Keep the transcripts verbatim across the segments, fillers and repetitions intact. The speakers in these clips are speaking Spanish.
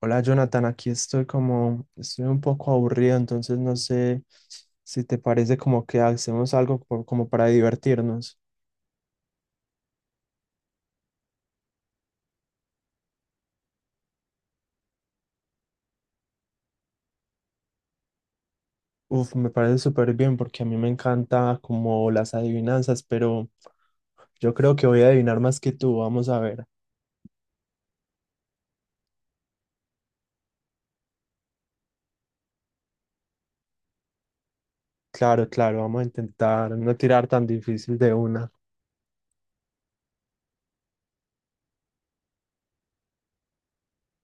Hola Jonathan, aquí estoy como, estoy un poco aburrido, entonces no sé si te parece como que hacemos algo por- como para divertirnos. Uf, me parece súper bien porque a mí me encanta como las adivinanzas, pero yo creo que voy a adivinar más que tú, vamos a ver. Claro, claro, vamos a intentar no tirar tan difícil de una.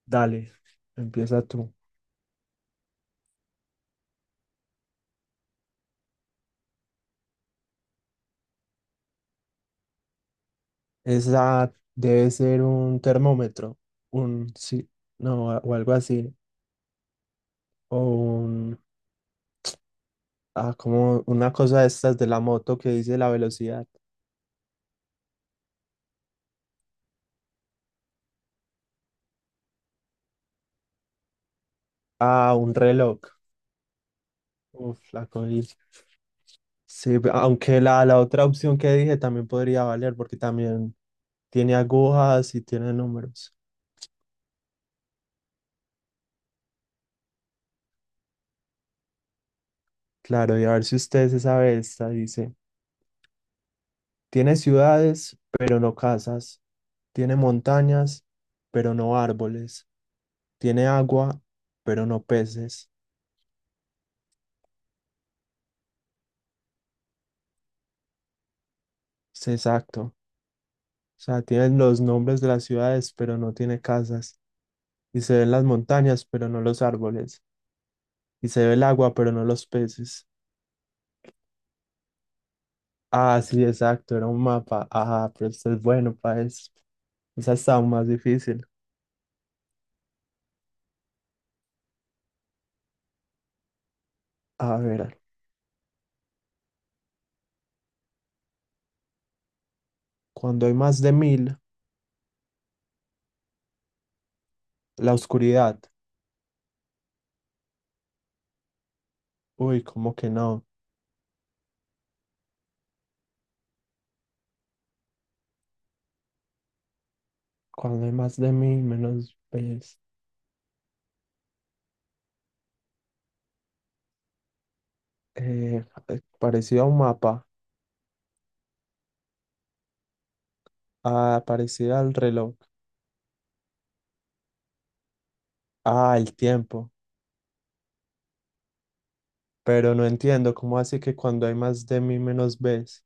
Dale, empieza tú. Esa debe ser un termómetro, un sí, no, o algo así, o un... Ah, como una cosa de estas de la moto que dice la velocidad. Ah, un reloj. Uf, la cogí. Sí, pe- aunque la, la otra opción que dije también podría valer porque también tiene agujas y tiene números. Claro, y a ver si usted se sabe esta. Dice, tiene ciudades, pero no casas. Tiene montañas, pero no árboles. Tiene agua, pero no peces. Sí, exacto. O sea, tienen los nombres de las ciudades, pero no tiene casas, y se ven las montañas, pero no los árboles, y se ve el agua, pero no los peces. Ah, sí, exacto, era un mapa. Ah, pero esto es bueno para eso. Esa está aún más difícil. A ver, cuando hay más de mil, la oscuridad. Uy, ¿cómo que no? Cuando hay más de mil, menos ves. Eh, eh, parecido a un mapa. Ah, parecido al reloj. Ah, el tiempo. Pero no entiendo, ¿cómo así que cuando hay más de mil, menos ves?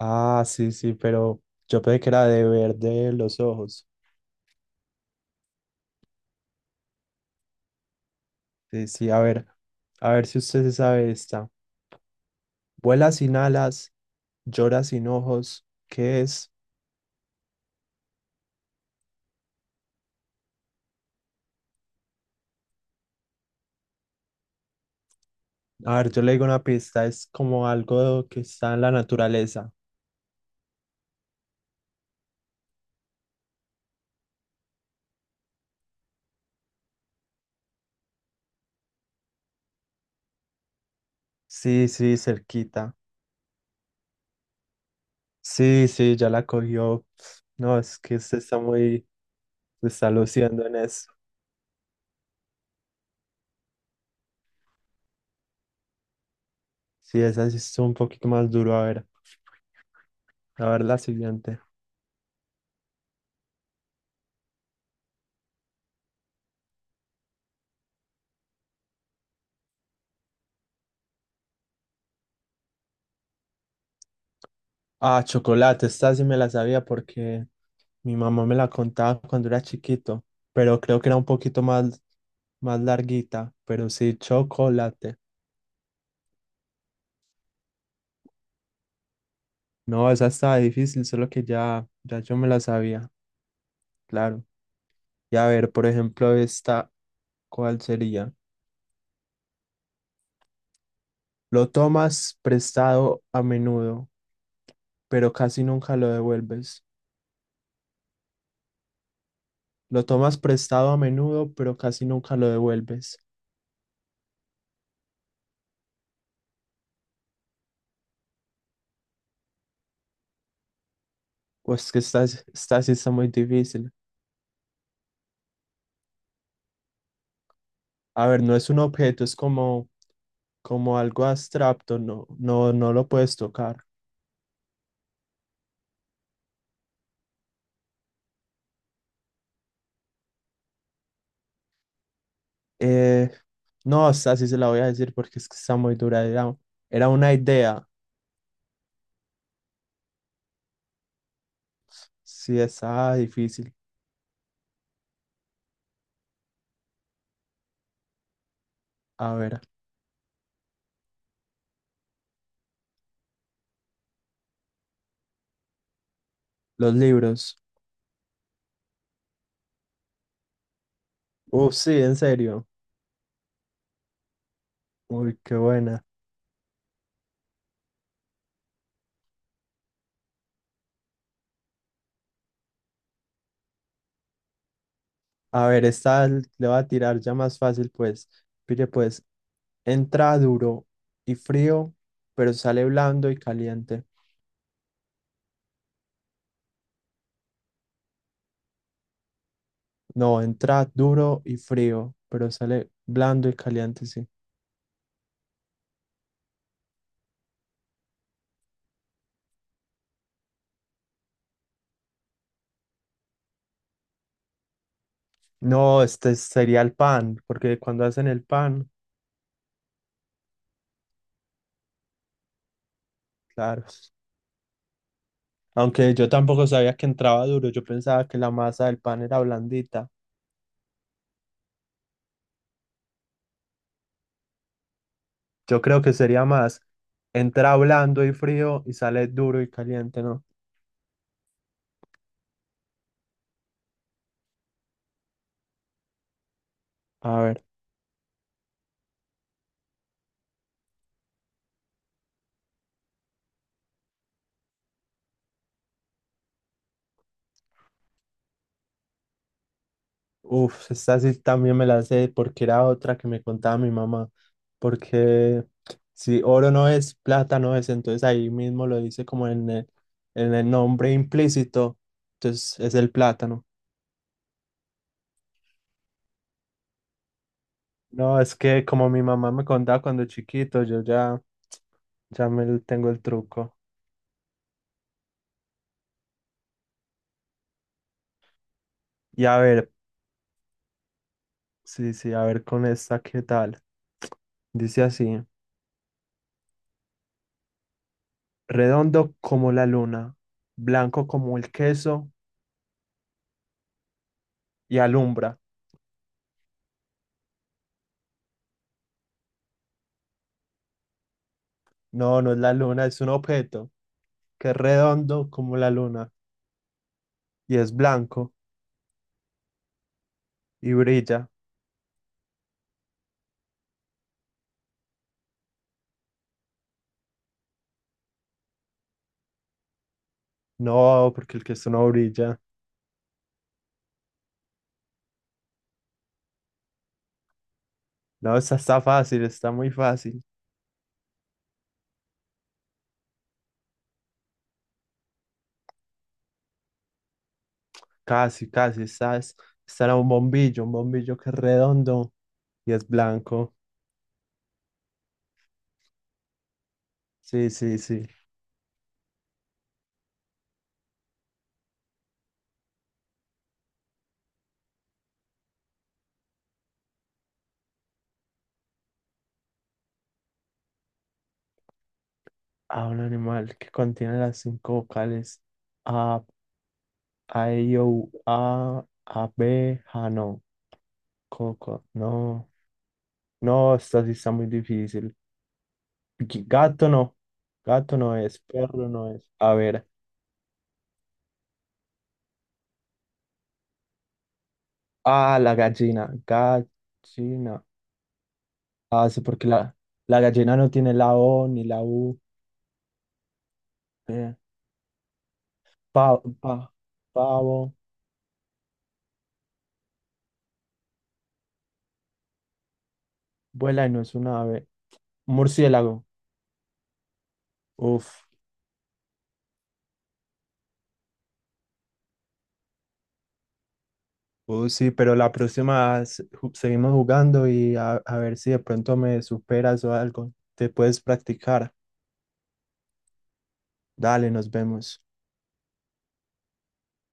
Ah, sí, sí, pero yo pensé que era de verde los ojos. Sí, sí, a ver, a ver si usted se sabe esta. Vuela sin alas, llora sin ojos. ¿Qué es? A ver, yo le digo una pista, es como algo que está en la naturaleza. Sí, sí, cerquita. Sí, sí, ya la cogió. No, es que usted está muy, se está luciendo en eso. Sí, esa sí es un poquito más duro. A ver, a ver la siguiente. Ah, chocolate, esta sí me la sabía porque mi mamá me la contaba cuando era chiquito, pero creo que era un poquito más, más larguita, pero sí, chocolate. No, esa estaba difícil, solo que ya, ya yo me la sabía, claro. Y a ver, por ejemplo, esta, ¿cuál sería? Lo tomas prestado a menudo, pero casi nunca lo devuelves. Lo tomas prestado a menudo, pero casi nunca lo devuelves. Pues que esta, esta sí está muy difícil. A ver, no es un objeto, es como como algo abstracto, no, no, no lo puedes tocar. Eh, no, hasta así se la voy a decir porque es que está muy dura. Era, era una idea. Sí, está difícil. A ver, los libros. Uh, sí, en serio. Uy, qué buena. A ver, esta l- le va a tirar ya más fácil, pues. Pide, pues, entra duro y frío, pero sale blando y caliente. No, entra duro y frío, pero sale blando y caliente, sí. No, este sería el pan, porque cuando hacen el pan, claro. Aunque yo tampoco sabía que entraba duro, yo pensaba que la masa del pan era blandita. Yo creo que sería más, entra blando y frío y sale duro y caliente, ¿no? A ver, uff, esta sí también me la sé porque era otra que me contaba mi mamá, porque si oro no es, plata no es, entonces ahí mismo lo dice como en el, en el nombre implícito, entonces es el plátano. No, es que como mi mamá me contaba cuando chiquito, yo ya, ya me le tengo el truco. Y a ver, sí, sí, a ver con esta, ¿qué tal? Dice así, redondo como la luna, blanco como el queso y alumbra. No, no es la luna, es un objeto que es redondo como la luna y es blanco y brilla. No, porque el queso no brilla. No, esta está fácil, está muy fácil. Casi, casi, esta es... Este era un bombillo, un bombillo que es redondo y es blanco. Sí, sí, sí. A un animal que contiene las cinco vocales. A, A, I, O, U, A, A, B, A, no. Coco, no. No, esta sí está muy difícil. G- Gato no. Gato no es, perro no es. A ver. Ah, la gallina. Gallina. Ah, sí, porque la, la gallina no tiene la O ni la U. Eh, Pa- pa- pavo, vuela y no es una ave. Murciélago. Uf. Uh, sí, pero la próxima s- ju- seguimos jugando y a, a ver si de pronto me superas o algo. Te puedes practicar. Dale, nos vemos.